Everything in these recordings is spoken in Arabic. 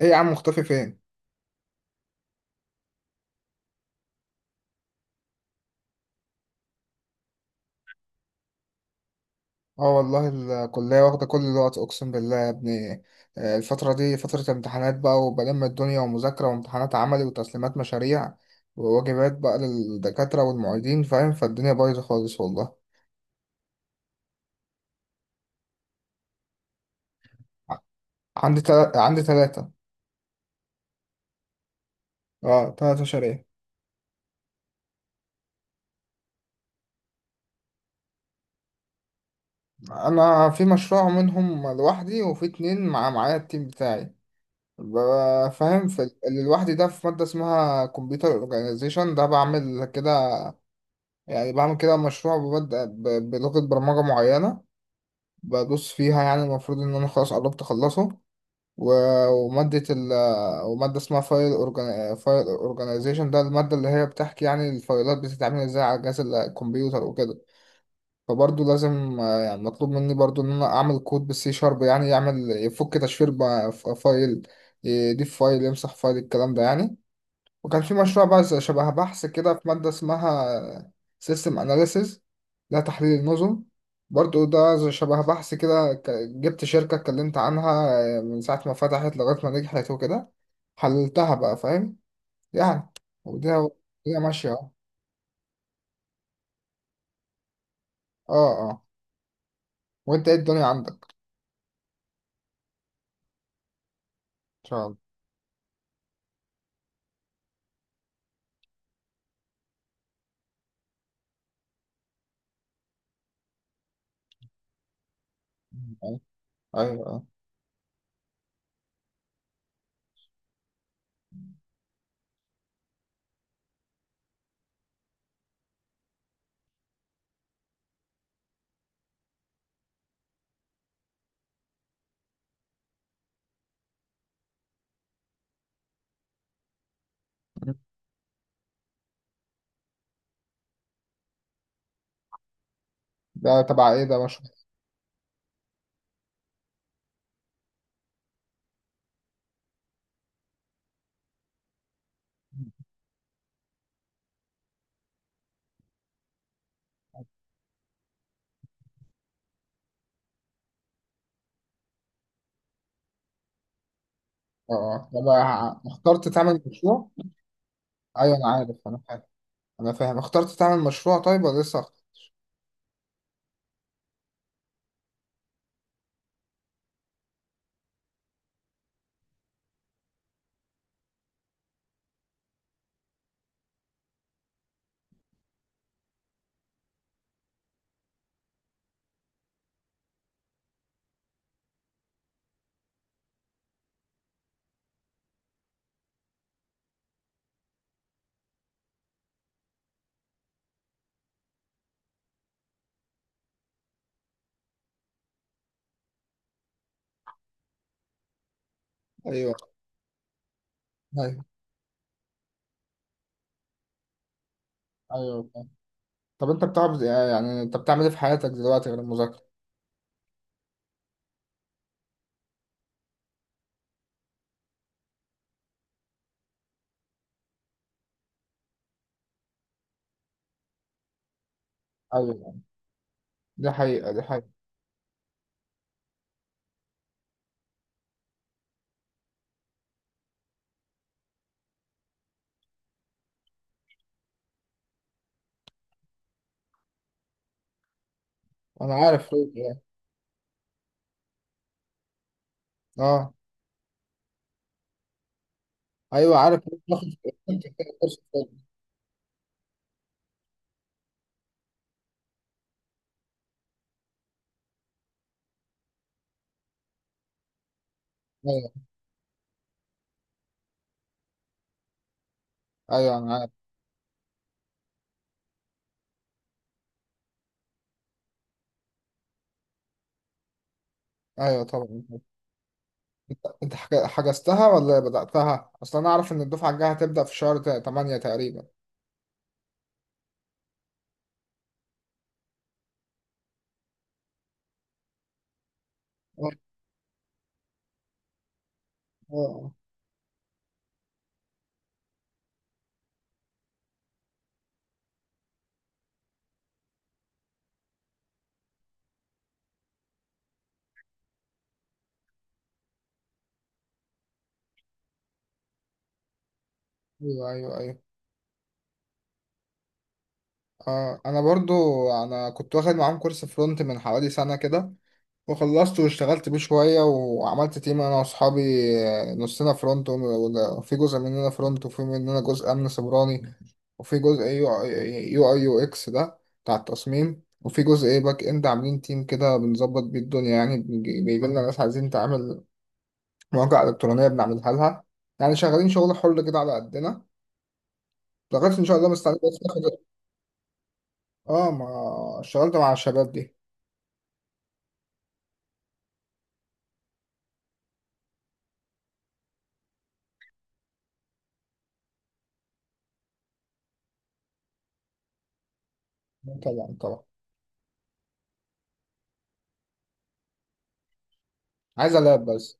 ايه يا عم مختفي فين؟ اه والله، الكلية واخدة كل الوقت اقسم بالله يا ابني. الفترة دي فترة امتحانات بقى وبلم الدنيا ومذاكرة وامتحانات عملي وتسليمات مشاريع وواجبات بقى للدكاترة والمعيدين فاهم، فالدنيا بايظة خالص والله. ع- عندي تلاتة. اه تلات مشاريع. انا في مشروع منهم لوحدي وفي اتنين مع معايا التيم بتاعي. فاهم، في اللي لوحدي ده في مادة اسمها كمبيوتر اورجانيزيشن، ده بعمل كده، يعني بعمل كده مشروع، ببدأ بلغة برمجة معينة بدوس فيها، يعني المفروض إن أنا خلاص قربت أخلصه. و- ومادة ال ومادة اسمها فايل أورجانيزيشن، ده المادة اللي هي بتحكي يعني الفايلات بتتعمل إزاي على جهاز الكمبيوتر وكده. فبرضه لازم يعني مطلوب مني برضه إن أنا أعمل كود بالسي شارب يعني يعمل يفك تشفير فايل، يضيف فايل، يمسح فايل، الكلام ده يعني. وكان في مشروع بقى شبه بحث كده في مادة اسمها سيستم أناليسيز، ده تحليل النظم. برضو ده شبه بحث كده، جبت شركة اتكلمت عنها من ساعة ما فتحت لغاية ما نجحت وكده، حللتها بقى فاهم يعني. ودي هي ماشية اهو. اه اه، وانت ايه الدنيا عندك؟ ان شاء الله. ايوه ايوه، ده تبع ايه ده مشروع؟ اه اه، طب اخترت تعمل مشروع؟ ايوه انا عارف، انا فاهم، انا فاهم. اخترت تعمل مشروع طيب ولا لسه؟ ايوه ايوه ايوه، فاهم. طب انت بتعمل يعني انت بتعمل ايه في حياتك دلوقتي غير المذاكره؟ ايوه، دي حقيقه دي حقيقه. انا عارف ليه يعني. اه، ايوه عارف ليه بناخد كورس تاني. ايوه ايوه انا عارف. ايوه طبعا. انت حجزتها ولا بداتها اصلا؟ انا اعرف ان الدفعه الجايه هتبدا في شهر 8 تقريبا. اه اه، ايوه ايوه ايوه. اه انا برضو، انا كنت واخد معاهم كورس فرونت من حوالي سنه كده، وخلصت واشتغلت بيه شوية وعملت تيم أنا وأصحابي. نصنا فرونت، وفي جزء مننا فرونت، وفي مننا جزء أمن سيبراني، وفي جزء يو أي يو إكس ده بتاع التصميم، وفي جزء إيه باك إند، عاملين تيم كده بنظبط بيه الدنيا، يعني بيجي لنا ناس عايزين تعمل مواقع إلكترونية بنعملها لها، يعني شغالين شغل حر كده على قدنا لغاية إن شاء الله مستعد بس ناخد. آه، ما اشتغلت مع الشباب دي طبعا طبعا. عايز ألعب بس،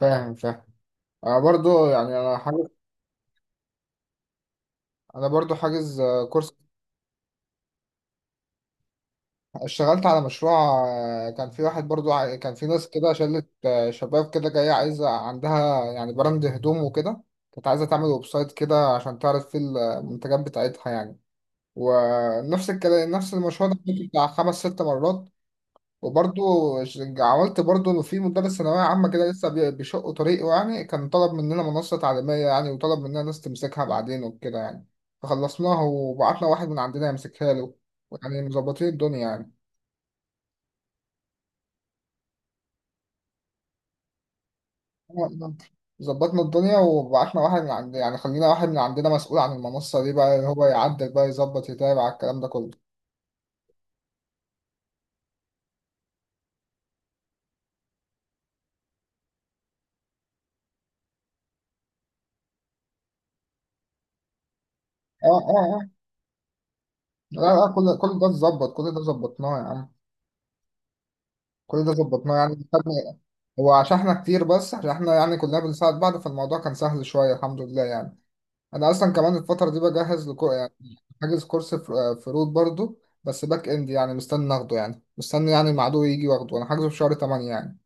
فاهم فاهم. انا برضو يعني انا حاجز، انا برضو حاجز كورس. اشتغلت على مشروع، كان في واحد برضو كان في ناس كده شلة شباب كده جاية عايزة عندها يعني براند هدوم وكده، كانت عايزة تعمل ويب سايت كده عشان تعرض فيه المنتجات بتاعتها يعني. ونفس الكلام، نفس المشروع ده كنت بتاع خمس ست مرات. وبرضو عملت برضو إنه في مدرس ثانوية عامة كده لسه بيشق طريقه يعني، كان طلب مننا منصة تعليمية يعني، وطلب مننا ناس تمسكها بعدين وكده يعني، فخلصناها وبعتنا واحد من عندنا يمسكها له، يعني مظبطين الدنيا يعني. آه، ظبطنا الدنيا وبعتنا واحد من عند، يعني خلينا واحد من عندنا مسؤول عن المنصة دي بقى، اللي هو يعدل بقى، يظبط، يتابع الكلام ده كله. اه اه اه، لا لا، كل ده اتظبط، كل ده ظبطناه يا عم. كل ده ظبطناه. يعني خدنا، هو عشان احنا كتير، بس عشان احنا يعني كلنا بنساعد بعض، فالموضوع كان سهل شوية الحمد لله يعني. أنا أصلا كمان الفترة دي بجهز لكو يعني، حاجز كورس فروت برضو، بس باك إند يعني، مستني آخده يعني، مستني يعني مع عدوي يجي واخده، أنا حاجزه في شهر 8 يعني.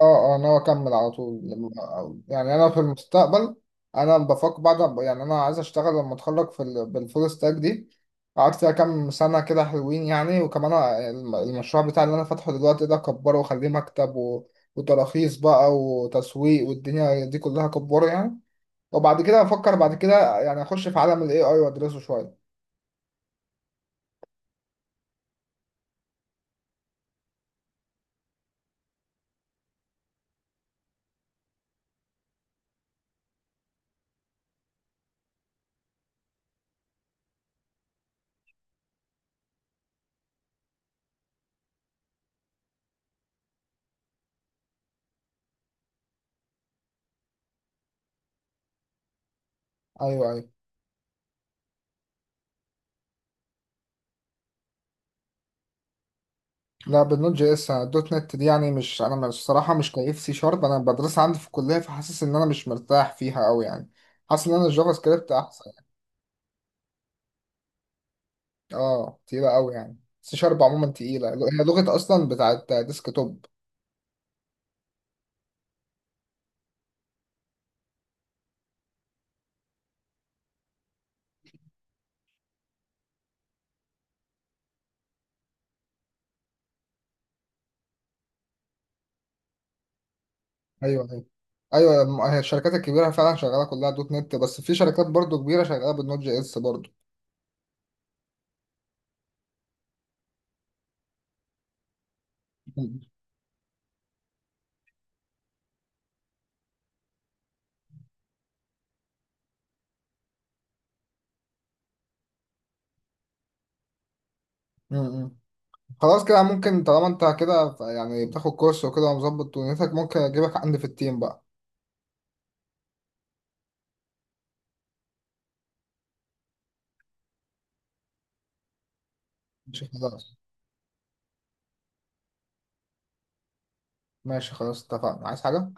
اه اه، ناوي اكمل على طول يعني انا في المستقبل انا بفكر بعد يعني انا عايز اشتغل لما اتخرج في بالفول ستاك دي، قعدت فيها كام سنه كده حلوين يعني. وكمان المشروع بتاعي اللي انا فاتحه دلوقتي ده كبره وخليه مكتب، وتراخيص بقى وتسويق والدنيا دي كلها كبره يعني. وبعد كده افكر بعد كده يعني اخش في عالم الاي اي وادرسه شويه. ايوه ايوه. لا بالنوت جي اس. الدوت نت دي يعني مش انا مش- الصراحه مش كيف، سي شارب انا بدرسها عندي في الكليه فحاسس ان انا مش مرتاح فيها قوي يعني، حاسس ان انا الجافا سكريبت احسن يعني. اه تقيله قوي يعني، سي شارب عموما تقيله، هي لغه اصلا بتاعت ديسك توب. ايوه ايوه ايوه. هي الشركات الكبيره فعلا شغاله كلها دوت نت، بس في شركات برضو كبيره شغاله بالنوت جي اس برضو. م- م. خلاص كده ممكن، طالما انت كده يعني بتاخد كورس وكده ومظبط دنيتك، ممكن اجيبك عندي في التيم بقى. ماشي خلاص. ماشي خلاص اتفقنا. عايز حاجه؟